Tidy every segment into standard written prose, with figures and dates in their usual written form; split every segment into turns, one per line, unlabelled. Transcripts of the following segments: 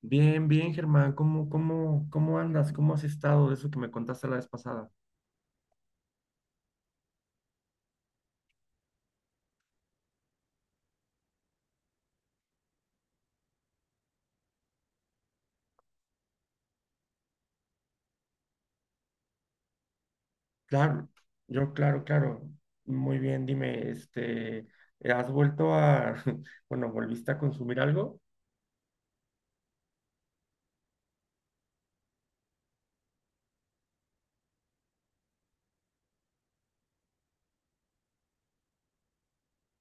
Bien, bien, Germán, ¿cómo andas? ¿Cómo has estado de eso que me contaste la vez pasada? Claro, yo, claro. Muy bien, dime, ¿has vuelto a, bueno, volviste a consumir algo?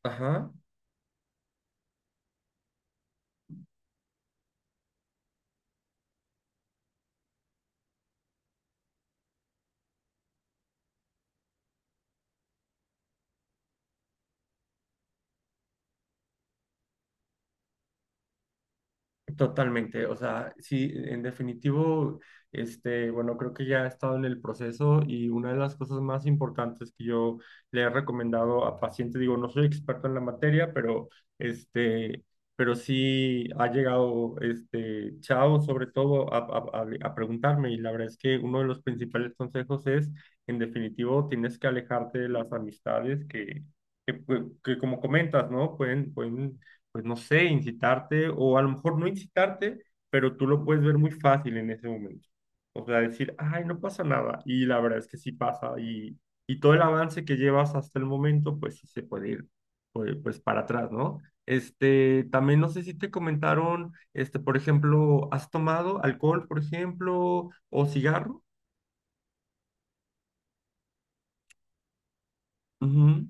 Ajá. Totalmente, o sea, sí, en definitivo, este, bueno, creo que ya he estado en el proceso y una de las cosas más importantes que yo le he recomendado a pacientes, digo, no soy experto en la materia, pero este, pero sí ha llegado, este, Chao sobre todo a, a preguntarme y la verdad es que uno de los principales consejos es, en definitivo, tienes que alejarte de las amistades que, pues, que como comentas, ¿no? Pueden pues no sé, incitarte o a lo mejor no incitarte, pero tú lo puedes ver muy fácil en ese momento. O sea, decir, ay, no pasa nada. Y la verdad es que sí pasa. Y todo el avance que llevas hasta el momento, pues sí se puede ir pues, pues para atrás, ¿no? Este, también no sé si te comentaron, este, por ejemplo, ¿has tomado alcohol, por ejemplo, o cigarro? Ujú.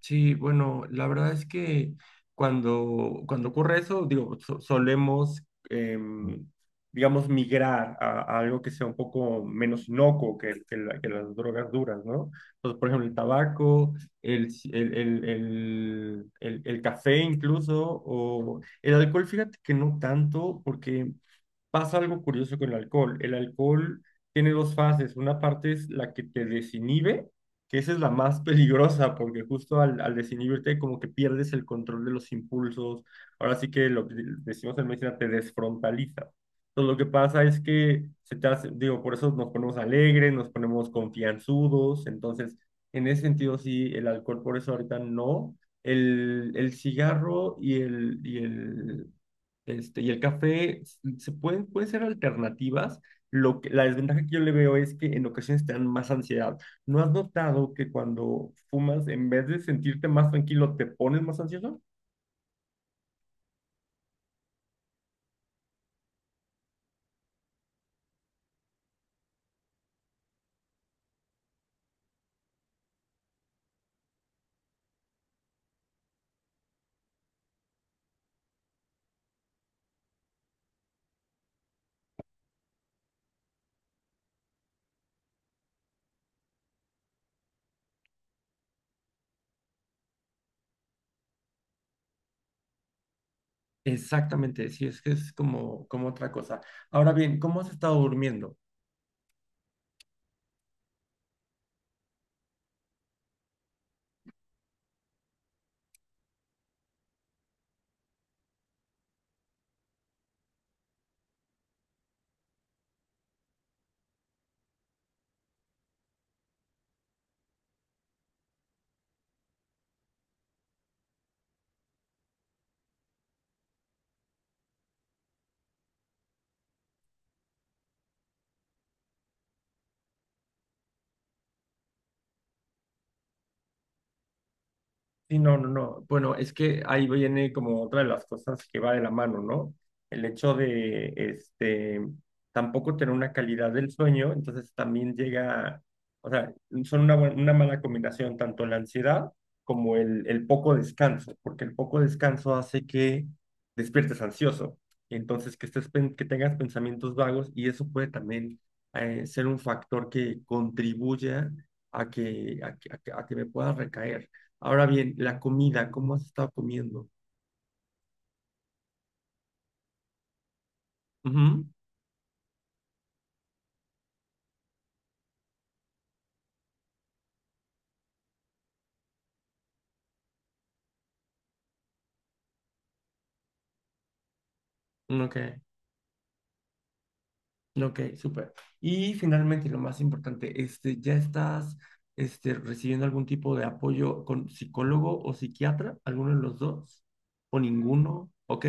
Sí, bueno, la verdad es que cuando ocurre eso, digo, solemos, em, digamos, migrar a algo que sea un poco menos inocuo que, que las drogas duras, ¿no? Entonces, por ejemplo, el tabaco, el, ci- el café incluso, o el alcohol, fíjate que no tanto, porque pasa algo curioso con el alcohol. El alcohol tiene dos fases. Una parte es la que te desinhibe, que esa es la más peligrosa, porque justo al, al desinhibirte como que pierdes el control de los impulsos. Ahora sí que lo que decimos en medicina, te desfrontaliza. Entonces lo que pasa es que se te hace, digo, por eso nos ponemos alegres, nos ponemos confianzudos. Entonces, en ese sentido, sí, el alcohol por eso ahorita no. El cigarro y el, este, y el café se pueden ser alternativas. Lo que, la desventaja que yo le veo es que en ocasiones te dan más ansiedad. ¿No has notado que cuando fumas, en vez de sentirte más tranquilo, te pones más ansioso? Exactamente, sí, es que es como, como otra cosa. Ahora bien, ¿cómo has estado durmiendo? Sí, no, no, no. Bueno, es que ahí viene como otra de las cosas que va de la mano, ¿no? El hecho de, este, tampoco tener una calidad del sueño, entonces también llega, o sea, son una, una mala combinación, tanto la ansiedad como el poco descanso, porque el poco descanso hace que despiertes ansioso, y entonces que estés, que tengas pensamientos vagos y eso puede también ser un factor que contribuya a que, a que me pueda recaer. Ahora bien, la comida, ¿cómo has estado comiendo? Ujú. Ok, ok, súper. Y finalmente, y lo más importante, este, ¿ya estás recibiendo algún tipo de apoyo con psicólogo o psiquiatra? ¿Alguno de los dos? ¿O ninguno? Ok,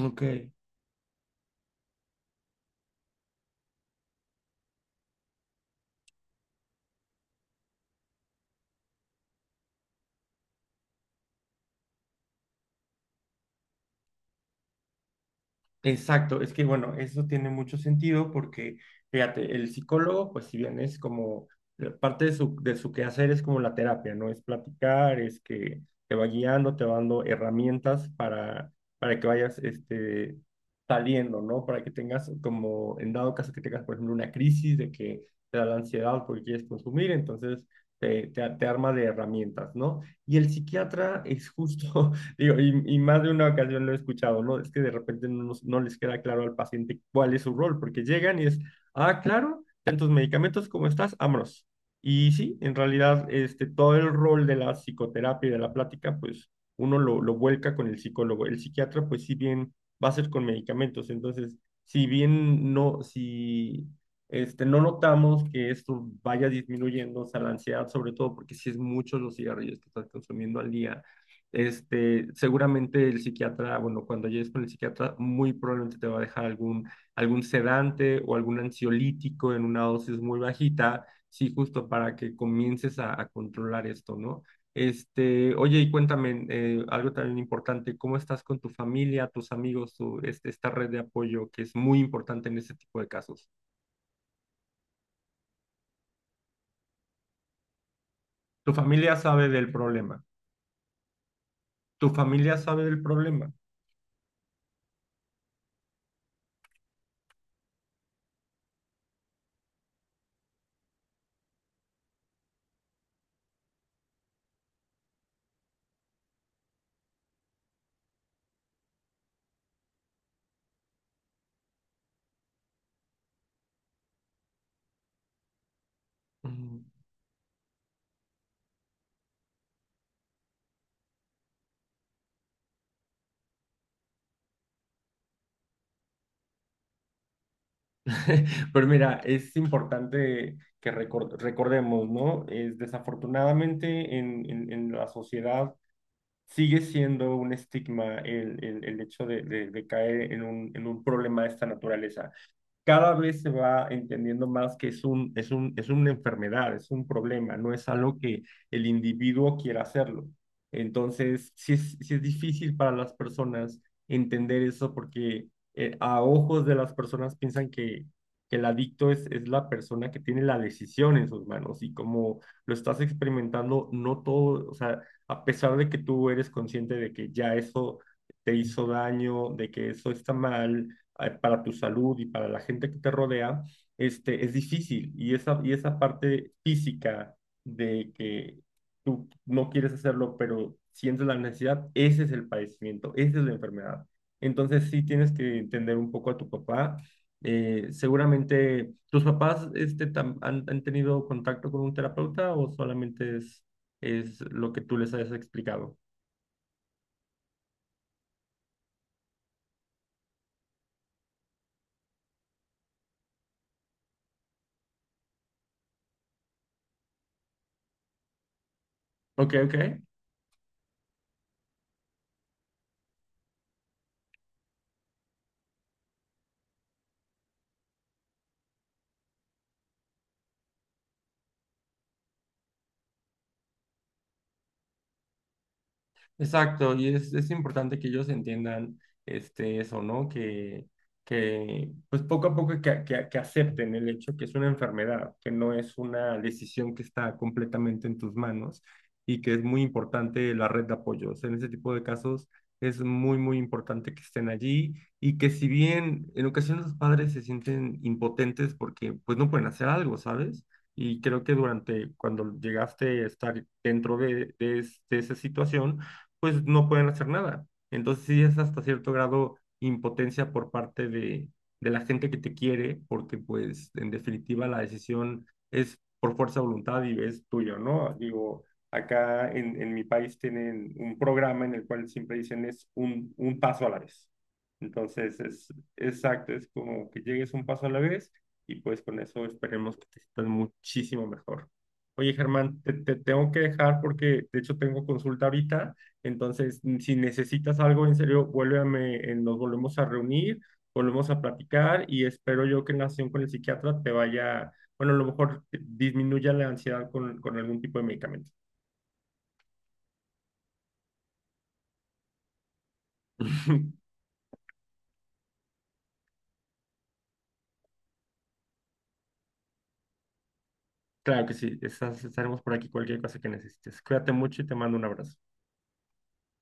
ok. Exacto, es que bueno, eso tiene mucho sentido porque, fíjate, el psicólogo, pues si bien es como parte de su quehacer es como la terapia, ¿no? Es platicar, es que te va guiando, te va dando herramientas para que vayas saliendo, ¿no? Para que tengas como, en dado caso que tengas, por ejemplo, una crisis de que te da la ansiedad porque quieres consumir, entonces te arma de herramientas, ¿no? Y el psiquiatra es justo. Digo, y más de una ocasión lo he escuchado, ¿no? Es que de repente no, no les queda claro al paciente cuál es su rol, porque llegan y es, ah, claro, tantos medicamentos como estás, vámonos. Y sí, en realidad, este, todo el rol de la psicoterapia y de la plática, pues uno lo vuelca con el psicólogo. El psiquiatra, pues si bien va a ser con medicamentos, entonces, si bien no, si no notamos que esto vaya disminuyendo, o sea, la ansiedad sobre todo, porque si es muchos los cigarrillos que estás consumiendo al día seguramente el psiquiatra, bueno, cuando llegues con el psiquiatra, muy probablemente te va a dejar algún, algún sedante o algún ansiolítico en una dosis muy bajita, sí, justo para que comiences a controlar esto, ¿no? Este, oye, y cuéntame, algo también importante, ¿cómo estás con tu familia, tus amigos, tu, este, esta red de apoyo que es muy importante en este tipo de casos? Tu familia sabe del problema, tu familia sabe del problema. Ujú. Pero mira, es importante que recordemos, ¿no? Es desafortunadamente en, en la sociedad sigue siendo un estigma el, el hecho de, de caer en un problema de esta naturaleza. Cada vez se va entendiendo más que es un, es un, es una enfermedad, es un problema, no es algo que el individuo quiera hacerlo. Entonces, sí es difícil para las personas entender eso porque a ojos de las personas piensan que el adicto es la persona que tiene la decisión en sus manos y como lo estás experimentando, no todo, o sea, a pesar de que tú eres consciente de que ya eso te hizo daño, de que eso está mal, para tu salud y para la gente que te rodea, este, es difícil. Y esa parte física de que tú no quieres hacerlo, pero sientes la necesidad, ese es el padecimiento, esa es la enfermedad. Entonces sí tienes que entender un poco a tu papá. Seguramente, ¿tus papás este, han, han tenido contacto con un terapeuta o solamente es lo que tú les has explicado? Ok, ok. Exacto, y es importante que ellos entiendan este, eso, ¿no? Que, que pues poco a poco que acepten el hecho que es una enfermedad, que no es una decisión que está completamente en tus manos y que es muy importante la red de apoyos. En ese tipo de casos es muy, muy importante que estén allí y que si bien en ocasiones los padres se sienten impotentes porque pues no pueden hacer algo, ¿sabes? Y creo que durante cuando llegaste a estar dentro de, de esa situación, pues no pueden hacer nada. Entonces sí es hasta cierto grado impotencia por parte de la gente que te quiere, porque pues en definitiva la decisión es por fuerza de voluntad y es tuyo, ¿no? Digo, acá en mi país tienen un programa en el cual siempre dicen es un paso a la vez. Entonces es exacto, es como que llegues un paso a la vez y pues con eso esperemos que te sientas muchísimo mejor. Oye, Germán, te tengo que dejar porque de hecho tengo consulta ahorita. Entonces, si necesitas algo en serio, vuélveme, nos volvemos a reunir, volvemos a platicar y espero yo que en la sesión con el psiquiatra te vaya, bueno, a lo mejor disminuya la ansiedad con algún tipo de medicamento. Claro que sí, estaremos por aquí cualquier cosa que necesites. Cuídate mucho y te mando un abrazo.